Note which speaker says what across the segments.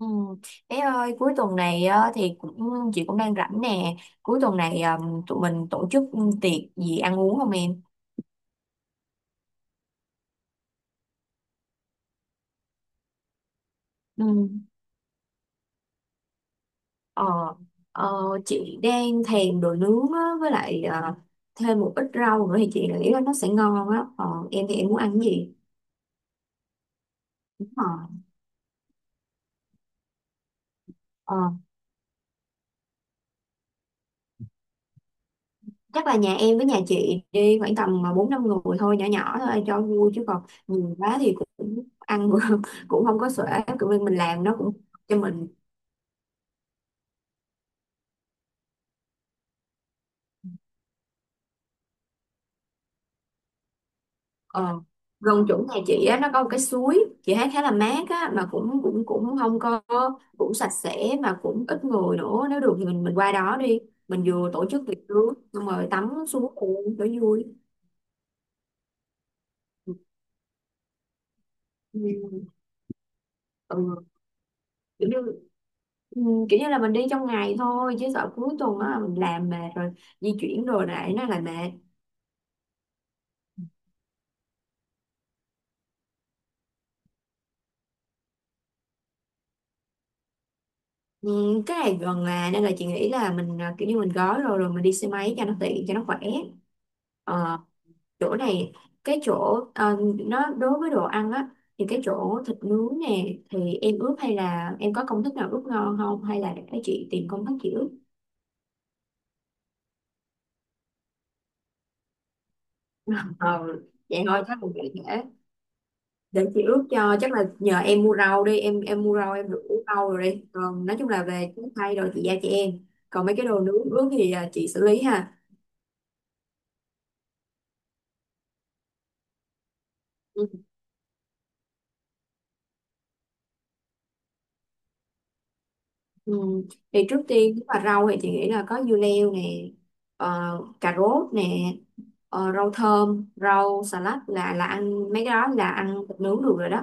Speaker 1: Ừ. Bé ơi cuối tuần này á, thì cũng chị cũng đang rảnh nè. Cuối tuần này tụi mình tổ chức tiệc gì ăn uống không em? Ừ. ờ, ờ, chị đang thèm đồ nướng á, với lại thêm một ít rau nữa thì chị nghĩ là nó sẽ ngon á. Ờ, em thì em muốn ăn cái gì? ờ, ờ, Chắc là nhà em với nhà chị đi khoảng tầm mà bốn năm người thôi, nhỏ nhỏ thôi cho vui chứ còn nhiều quá thì cũng ăn cũng không có xuể, kiểu mình làm nó cũng cho mình. Ờ, Gần chỗ nhà chị á, nó có một cái suối chị thấy khá là mát á mà cũng cũng cũng không có, cũng sạch sẽ mà cũng ít người nữa, nếu được thì mình qua đó đi, mình vừa tổ chức tiệc cưới xong rồi tắm suối luôn để vui. Ừ. Ừ. Kiểu như ừ, là mình đi trong ngày thôi chứ sợ cuối tuần á mình làm mệt rồi di chuyển rồi lại nó lại mệt. Ừ, cái này gần là nên là chị nghĩ là mình kiểu như mình gói rồi rồi mình đi xe máy cho nó tiện cho nó khỏe. Ờ, Chỗ này, cái chỗ nó đối với đồ ăn á, thì cái chỗ thịt nướng nè thì em ướp hay là em có công thức nào ướp ngon không, hay là để chị tìm công thức chị ướp? ờ Vậy thôi chắc mình để chị ướp cho, chắc là nhờ em mua rau đi, em mua rau em được ướp rau rồi đi, còn nói chung là về trái cây rồi chị giao cho em. Còn mấy cái đồ nướng ướp thì chị xử lý ha. Ừ. Ừ. Thì trước tiên nếu mà rau thì chị nghĩ là có dưa leo nè, ờ, cà rốt nè, rau thơm, rau xà lách, là ăn mấy cái đó là ăn thịt nướng được rồi đó.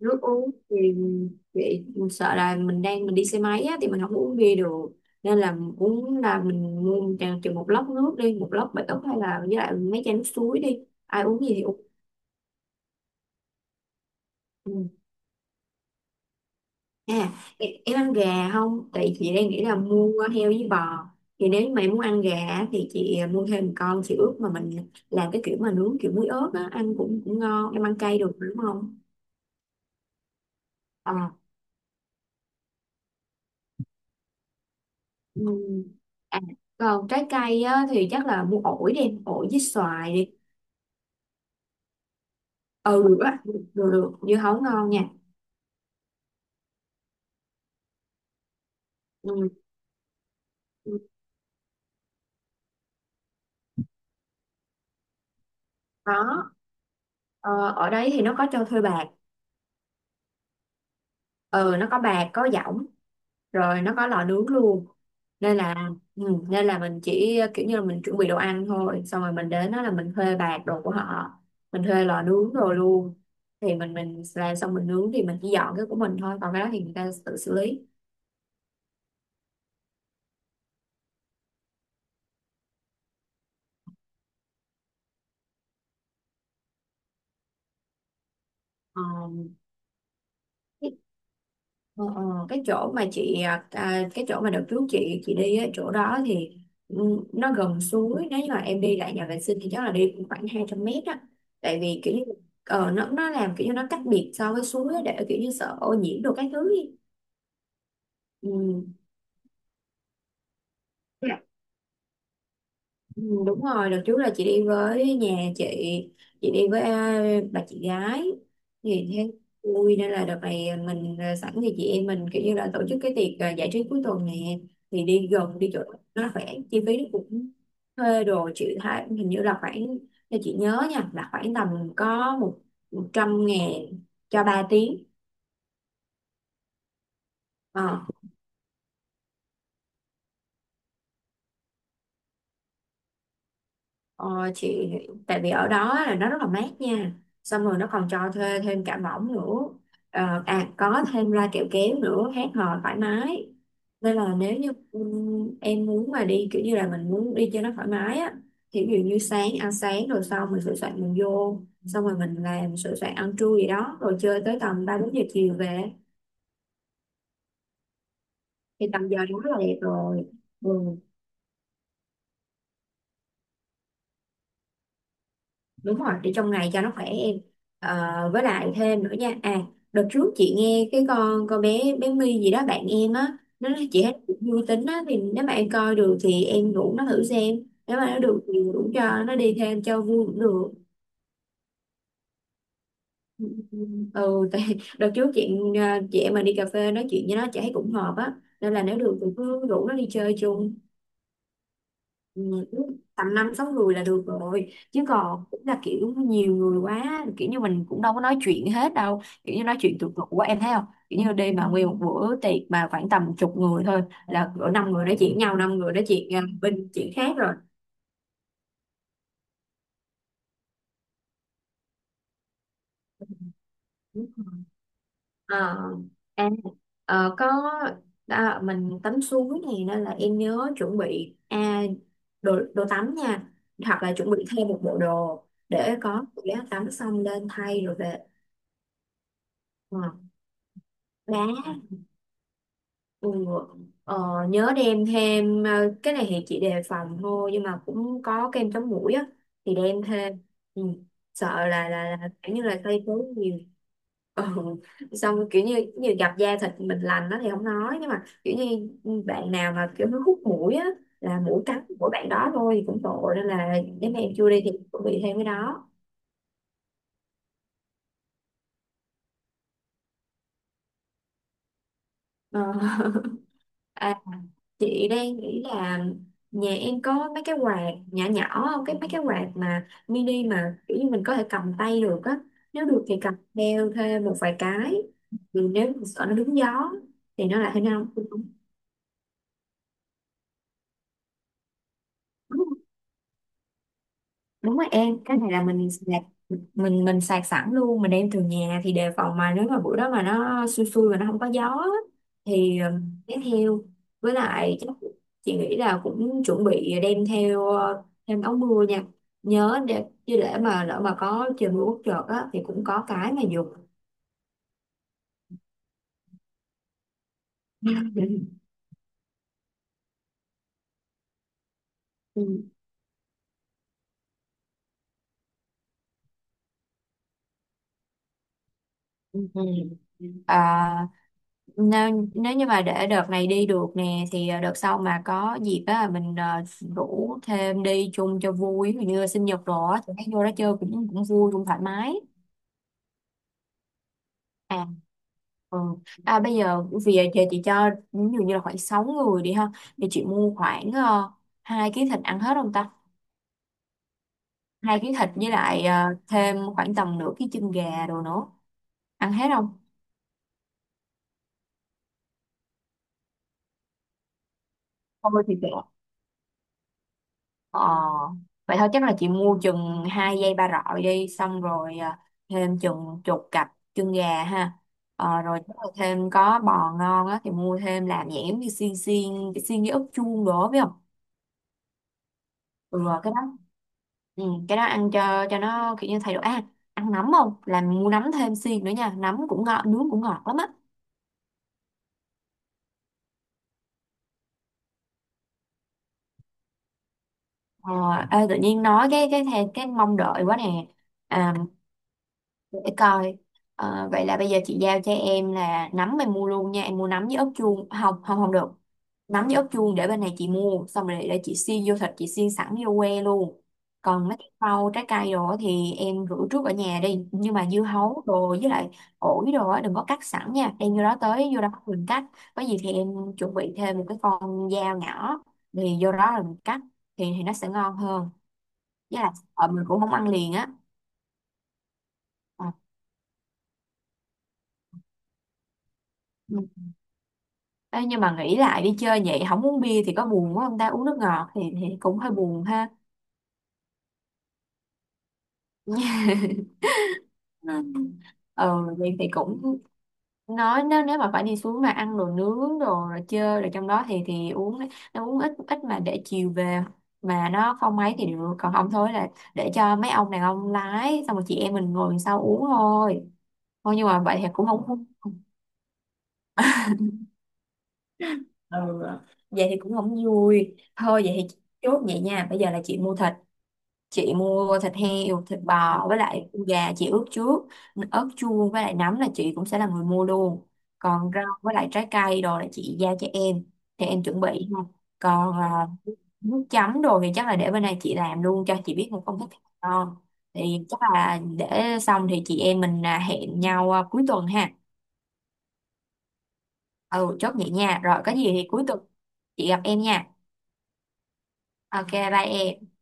Speaker 1: Nước uống thì chị sợ là mình đi xe máy á, thì mình không có uống bia được, nên là uống là mình mua chừng chừng một lốc nước đi, một lốc bể ức hay là với lại mấy chai nước suối đi, ai uống gì thì uống. Ừ. À, em ăn gà không? Tại chị đang nghĩ là mua heo với bò. Thì nếu như mà em muốn ăn gà á, thì chị mua thêm một con chị ướp, mà mình làm cái kiểu mà nướng kiểu muối ớt á, ăn cũng cũng ngon. Em ăn cay được đúng không? À, ừ. À, còn trái cây á, thì chắc là mua ổi đi, ổi với xoài đi. Ừ được á, được được, dưa hấu ngon nha. Ừ. Ừ. Đó. Ở đấy thì nó có cho thuê bạc, ừ nó có bạc có dỏng, rồi nó có lò nướng luôn, nên là ừ, nên là mình chỉ kiểu như là mình chuẩn bị đồ ăn thôi, xong rồi mình đến đó là mình thuê bạc đồ của họ, mình thuê lò nướng rồi luôn, thì mình làm xong mình nướng thì mình chỉ dọn cái của mình thôi, còn cái đó thì người ta tự xử lý. Ờ, Ờ, ờ, cái chỗ mà chị à, à, cái chỗ mà đợt trước chị đi á, chỗ đó thì ừ, nó gần suối, nếu như mà em đi lại nhà vệ sinh thì chắc là đi cũng khoảng 200 m á, tại vì kiểu như nó làm kiểu như nó cách biệt so với suối á, để kiểu như sợ ô nhiễm đồ các thứ đi. Ừ. Ừ, đúng rồi, đợt trước là chị đi với nhà chị, chị đi với à, bà chị gái, thì thấy vui nên là đợt này mình sẵn thì chị em mình kiểu như là tổ chức cái tiệc giải trí cuối tuần nè, thì đi gần đi chỗ nó khỏe, chi phí nó cũng thuê đồ, chị thấy hình như là khoảng, theo chị nhớ nha là khoảng tầm có một 100.000 cho 3 tiếng. Ờ, Ờ, chị tại vì ở đó là nó rất là mát nha, xong rồi nó còn cho thuê thêm cả võng nữa, có thêm loa kẹo kéo nữa hát hò thoải mái, nên là nếu như em muốn mà đi kiểu như là mình muốn đi cho nó thoải mái á, thì ví dụ như sáng ăn sáng rồi xong mình sửa soạn mình vô, xong rồi mình làm sửa soạn ăn trưa gì đó rồi chơi tới tầm 3-4 giờ chiều về, thì tầm giờ đó rất là đẹp rồi. Ừ. Đúng rồi để trong ngày cho nó khỏe em. Ờ, với lại thêm nữa nha à, đợt trước chị nghe cái con bé bé My gì đó bạn em á, nó nói chị hết vui tính á, thì nếu mà em coi được thì em rủ nó thử xem, nếu mà nó được thì rủ cho nó đi thêm cho vui cũng được. Ừ ừ, tại đợt trước ờ, chị em mà đi cà phê nói chuyện với nó chị thấy cũng hợp á, nên là nếu được thì cứ rủ nó đi chơi chung. Ừ, đúng. Tầm năm sáu người là được rồi, chứ còn cũng là kiểu nhiều người quá, kiểu như mình cũng đâu có nói chuyện hết đâu, kiểu như nói chuyện tụt tụt quá em thấy không, kiểu như đi mà nguyên một bữa tiệc mà khoảng tầm chục người thôi là cỡ năm người nói chuyện nhau, năm người nói chuyện bên chuyện khác rồi. Đúng rồi. Ờ, à, ờ, có mình tắm suối này nên là em nhớ chuẩn bị đồ đồ tắm nha, hoặc là chuẩn bị thêm một bộ đồ để có, để tắm xong lên thay rồi về. Ờ, đá. Ừ. Nhớ đem thêm cái này thì chị đề phòng thôi, nhưng mà cũng có kem chống muỗi á thì đem thêm. Ừ. Sợ là là kiểu như là cây tốn nhiều. Ừ. Xong kiểu như như gặp da thịt mình lành đó thì không nói, nhưng mà kiểu như bạn nào mà kiểu nó hút muỗi á là muỗi cắn của bạn đó thôi thì cũng tội, nên là nếu mà em chưa đi thì chuẩn bị thêm cái đó. Ờ. À, chị đang nghĩ là nhà em có mấy cái quạt nhỏ nhỏ không? Cái mấy cái quạt mà mini mà kiểu như mình có thể cầm tay được á. Nếu được thì cầm theo thêm một vài cái. Vì nếu mà sợ nó đúng gió thì nó lại hơi nóng. Đúng rồi em, cái này là mình sạc sẵn luôn, mình đem từ nhà thì đề phòng mà nếu mà bữa đó mà nó xui xui mà nó không có gió á, thì đem theo. Với lại chắc chị nghĩ là cũng chuẩn bị đem theo thêm áo mưa nha, nhớ để chứ để mà lỡ mà có trời mưa bất chợt á thì cũng có cái mà dùng. Ừ. Ừ. Ừ. Nếu như mà để đợt này đi được nè thì đợt sau mà có dịp á mình rủ thêm đi chung cho vui. Ví dụ như sinh nhật rồi á thì thấy vô đó chơi cũng cũng vui cũng thoải mái. à ừ. Bây giờ vì giờ chị cho ví dụ như là khoảng 6 người đi ha, thì chị mua khoảng 2 ký thịt ăn hết không ta, 2 ký thịt với lại thêm khoảng tầm nửa ký chân gà đồ nữa ăn hết không? Thôi thì kệ. Ờ, vậy thôi chắc là chị mua chừng hai dây ba rọi đi, xong rồi thêm chừng chục cặp chân gà ha. Rồi chắc là thêm có bò ngon á thì mua thêm làm dạng giống như xiên xiên, cái xiên với ức chuông đồ biết không. Ừ, cái đó, cái đó ăn cho nó kiểu như thay đổi ăn nấm không, làm mua nấm thêm xiên nữa nha, nấm cũng ngọt, nướng cũng ngọt lắm á. Ờ, ê, tự nhiên nói cái mong đợi quá nè. à, để coi. Vậy là bây giờ chị giao cho em là nấm em mua luôn nha, em mua nấm với ớt chuông không, không không được, nấm với ớt chuông để bên này chị mua, xong rồi để chị xiên vô thịt, chị xiên sẵn vô que luôn. Còn mấy cái rau trái cây đồ á thì em rửa trước ở nhà đi, nhưng mà dưa hấu đồ với lại ổi đồ á đừng có cắt sẵn nha, đem vô đó tới vô đó mình cắt, có gì thì em chuẩn bị thêm một cái con dao nhỏ, thì vô đó rồi mình cắt thì nó sẽ ngon hơn, với lại mình cũng không ăn liền á. Ờ. Ê, nhưng mà nghĩ lại đi chơi vậy không uống bia thì có buồn quá không ta, uống nước ngọt thì cũng hơi buồn ha. Ừ. Vậy thì cũng nói, nếu nếu mà phải đi xuống mà ăn đồ nướng đồ rồi chơi rồi trong đó thì uống, nó uống ít ít mà để chiều về mà nó không mấy thì được, còn không thôi là để cho mấy ông đàn ông lái xong rồi chị em mình ngồi sau uống thôi, thôi nhưng mà vậy thì cũng không không- ừ. Vậy thì cũng không vui, thôi vậy thì chốt vậy nha, bây giờ là chị mua thịt heo thịt bò với lại con gà chị ướp trước, ớt chuông với lại nấm là chị cũng sẽ là người mua luôn, còn rau với lại trái cây đồ là chị giao cho em thì em chuẩn bị ha. Còn nước chấm đồ thì chắc là để bên này chị làm luôn cho, chị biết một công thức ngon, thì chắc là để xong thì chị em mình hẹn nhau cuối tuần ha. Ừ chốt vậy nha, rồi có gì thì cuối tuần chị gặp em nha. Ok bye em.